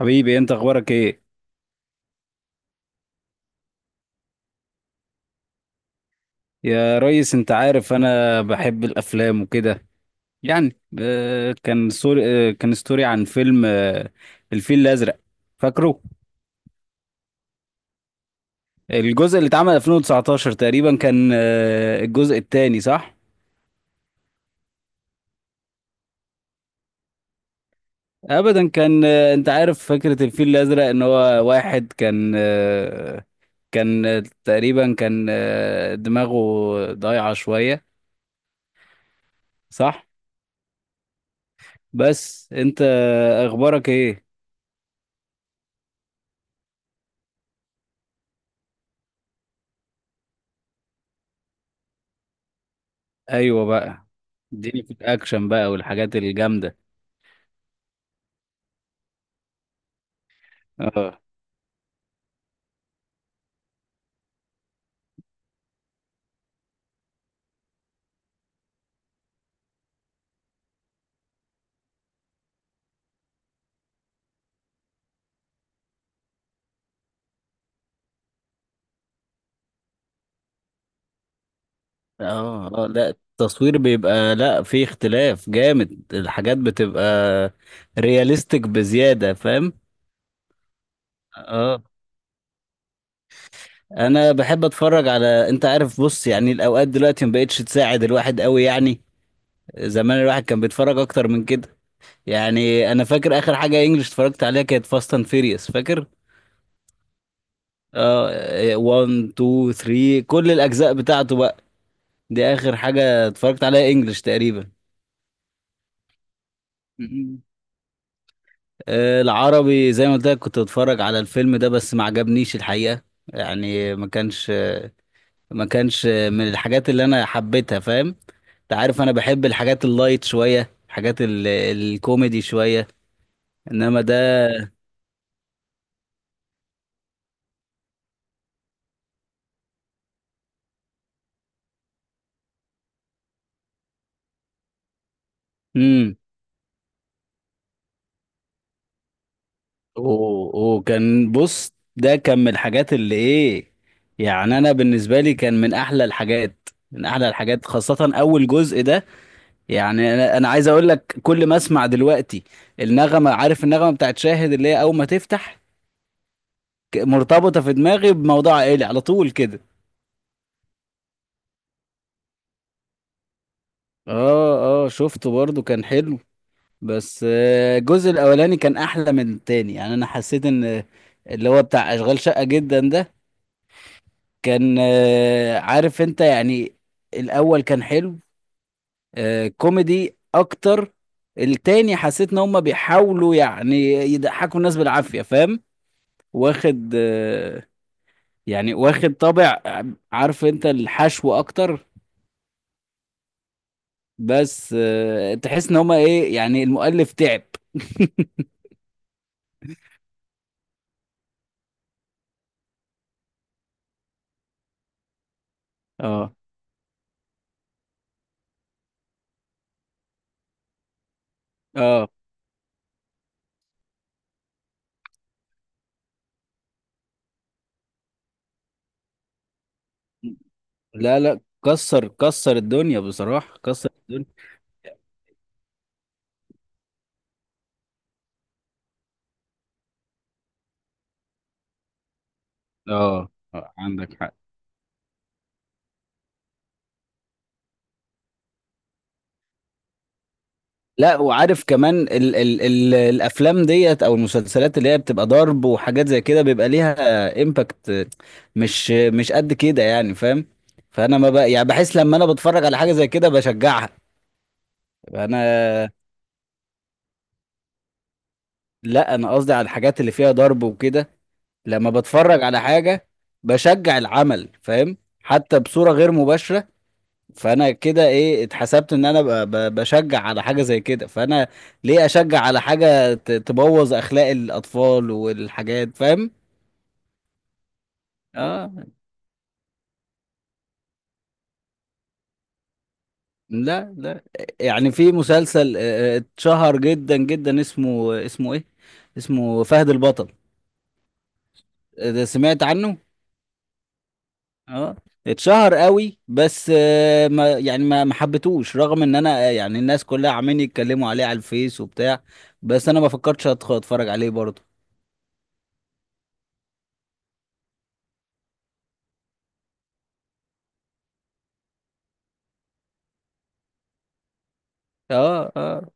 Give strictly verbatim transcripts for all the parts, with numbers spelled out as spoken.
حبيبي انت اخبارك ايه؟ يا ريس، انت عارف انا بحب الافلام وكده. يعني آه، كان سوري آه، كان ستوري عن فيلم آه، الفيل الازرق، فاكره؟ الجزء اللي اتعمل ألفين وتسعتاشر تقريبا، كان آه، الجزء الثاني، صح. ابدا، كان آه، انت عارف فكرة الفيل الازرق ان هو واحد كان آه، كان آه، تقريبا كان آه، دماغه ضايعة شوية، صح. بس انت اخبارك ايه؟ ايوه بقى، اديني في الاكشن بقى والحاجات الجامده. اه اه اه، لا التصوير بيبقى، لا في اختلاف جامد، الحاجات بتبقى رياليستيك بزيادة، فاهم. اه، انا بحب اتفرج على، انت عارف، بص يعني الاوقات دلوقتي ما بقتش تساعد الواحد قوي يعني. زمان الواحد كان بيتفرج اكتر من كده. يعني انا فاكر اخر حاجة انجلش اتفرجت عليها كانت فاست اند فيريوس، فاكر؟ اه واحد اتنين تلاتة، كل الاجزاء بتاعته بقى، دي اخر حاجه اتفرجت عليها انجلش تقريبا. مم. آه، العربي زي ما قلت لك كنت بتفرج على الفيلم ده، بس ما عجبنيش الحقيقه. يعني ما كانش ما كانش من الحاجات اللي انا حبيتها، فاهم. انت عارف انا بحب الحاجات اللايت شويه، الحاجات ال- الكوميدي شويه، انما ده. امم، وكان، بص ده كان من الحاجات اللي ايه، يعني انا بالنسبه لي كان من احلى الحاجات، من احلى الحاجات، خاصه اول جزء ده. يعني انا انا عايز اقول لك كل ما اسمع دلوقتي النغمه، عارف النغمه بتاعت شاهد اللي هي اول ما تفتح، ك- مرتبطه في دماغي بموضوع عائلي على طول كده. اه اه، شفته برضو كان حلو. بس آه، الجزء الاولاني كان احلى من التاني. يعني انا حسيت ان اللي هو بتاع اشغال شقه جدا ده كان آه، عارف انت يعني، الاول كان حلو، آه، كوميدي اكتر. التاني حسيت ان هم بيحاولوا يعني يضحكوا الناس بالعافيه، فاهم. واخد آه، يعني واخد طابع آه، عارف انت، الحشو اكتر. بس آه، تحس ان هما ايه، يعني المؤلف تعب. اه اه، لا لا، كسر كسر الدنيا بصراحة، كسر الدنيا. اه آه، عندك حق. لا وعارف كمان ال ال ال الافلام ديت او المسلسلات اللي هي بتبقى ضرب وحاجات زي كده بيبقى ليها امباكت مش مش قد كده، يعني فاهم. فانا ما بقى يعني بحس لما انا بتفرج على حاجة زي كده بشجعها انا. لا انا قصدي على الحاجات اللي فيها ضرب وكده. لما بتفرج على حاجة، بشجع العمل، فاهم، حتى بصورة غير مباشرة. فانا كده ايه اتحسبت ان انا ب- ب- بشجع على حاجة زي كده. فانا ليه اشجع على حاجة ت- تبوظ اخلاق الاطفال والحاجات، فاهم. اه لا لا. يعني في مسلسل آه، اتشهر جدا جدا اسمه اسمه ايه اسمه فهد البطل. آه، ده سمعت عنه. اه، اتشهر قوي، بس آه، ما يعني ما ما حبيتهوش، رغم ان انا آه، يعني الناس كلها عمالين يتكلموا عليه على الفيس وبتاع، بس انا ما فكرتش أدخل اتفرج عليه برضه. اه اه.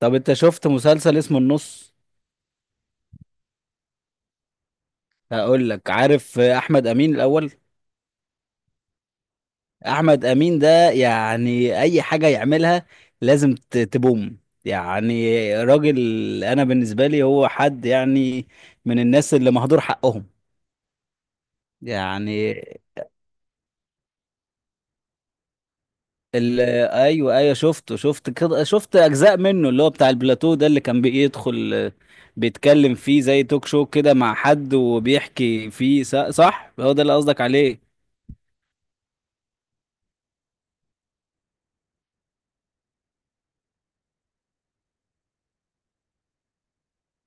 طب انت شفت مسلسل اسمه النص؟ هقول لك، عارف آه، احمد امين الاول، احمد امين ده يعني اي حاجة يعملها لازم ت- تبوم. يعني راجل، انا بالنسبة لي هو حد يعني من الناس اللي مهدور حقهم. يعني ال- ايوه ايوه، شفته شفت كده شفت اجزاء منه اللي هو بتاع البلاتو ده، اللي كان بيدخل آه، بيتكلم فيه زي توك شو كده مع حد، وبيحكي فيه ص- صح، هو ده اللي قصدك عليه.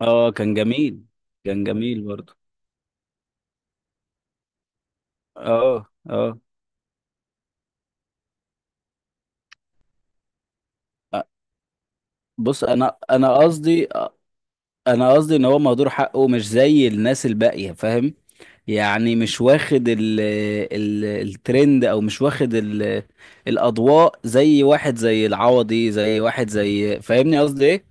اه كان جميل. كان جميل برضه. اه اه. أ- بص انا انا قصدي، انا قصدي ان هو مهدور حقه مش زي الناس الباقيه، فاهم. يعني مش واخد ال ال الترند، او مش واخد ال الاضواء زي واحد زي العوضي، زي واحد زي، فاهمني قصدي ايه،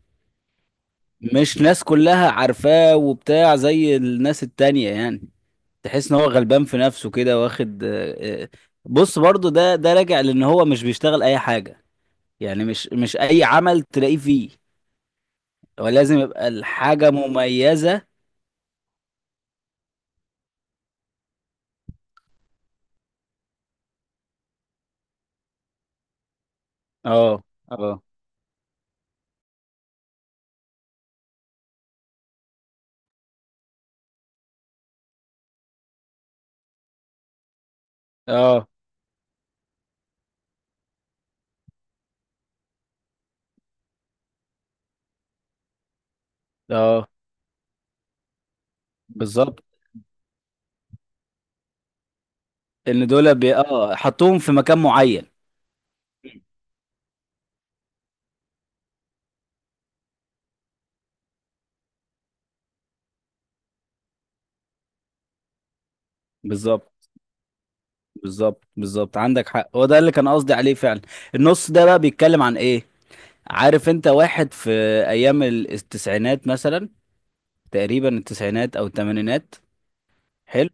مش ناس كلها عارفاه وبتاع زي الناس التانية يعني. تحس ان هو غلبان في نفسه كده، واخد آه، آه. بص برضو ده ده راجع لان هو مش بيشتغل اي حاجة، يعني مش مش اي عمل تلاقيه فيه، هو لازم يبقى الحاجة مميزة. اه اه اه اه، بالظبط. ان دول بي... اه حطوهم في مكان معين. بالظبط بالظبط بالظبط، عندك حق، هو ده اللي كان قصدي عليه فعلا. النص ده بقى بيتكلم عن ايه، عارف، انت واحد في ايام ال- التسعينات مثلا، تقريبا التسعينات او الثمانينات. حلو.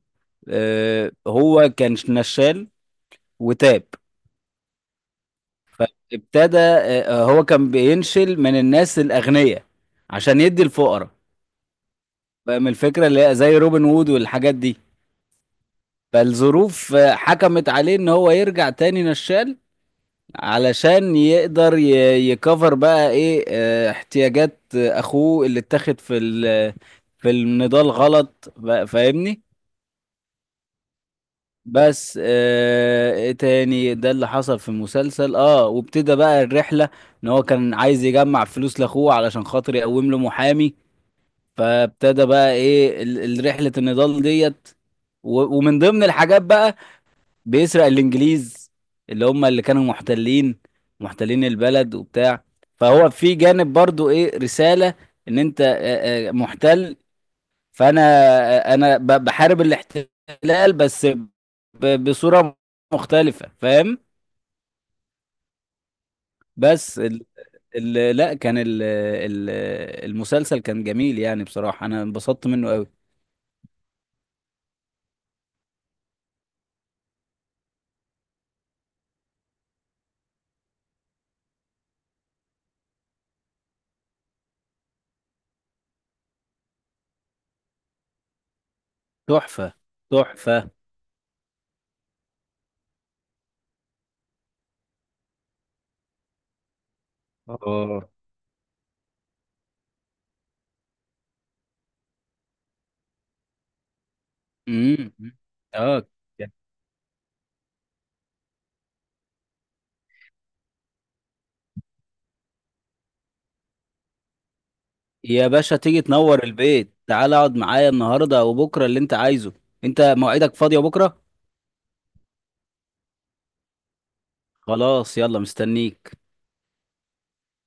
آه، هو كان نشال وتاب، ابتدى، آه هو كان بينشل من الناس الاغنياء عشان يدي الفقراء، فاهم الفكره، اللي هي زي روبن وود والحاجات دي. فالظروف آه، حكمت عليه ان هو يرجع تاني نشال علشان يقدر ي- يكفر بقى ايه آه، احتياجات آه، اخوه اللي اتاخد في ال- في النضال غلط بقى، فاهمني. بس آه، ايه تاني ده اللي حصل في المسلسل، اه، وابتدى بقى الرحلة، ان هو كان عايز يجمع فلوس لاخوه علشان خاطر يقوم له محامي. فابتدى بقى ايه ال- ال- رحلة النضال ديت، و- ومن ضمن الحاجات بقى بيسرق الانجليز اللي هم اللي كانوا محتلين، محتلين البلد وبتاع. فهو في جانب برضو ايه رسالة ان انت آه، آه، محتل، فانا آه، انا ب- بحارب الاحتلال، بس ب- بصورة مختلفة، فاهم. بس ال ال لا كان ال ال المسلسل كان جميل يعني، بصراحة انا انبسطت منه قوي. تحفة. تحفة. اه. امم. اه. يا باشا، تيجي تنور البيت، تعال اقعد معايا النهارده وبكره اللي انت عايزه. انت موعدك فاضيه بكره؟ خلاص، يلا، مستنيك.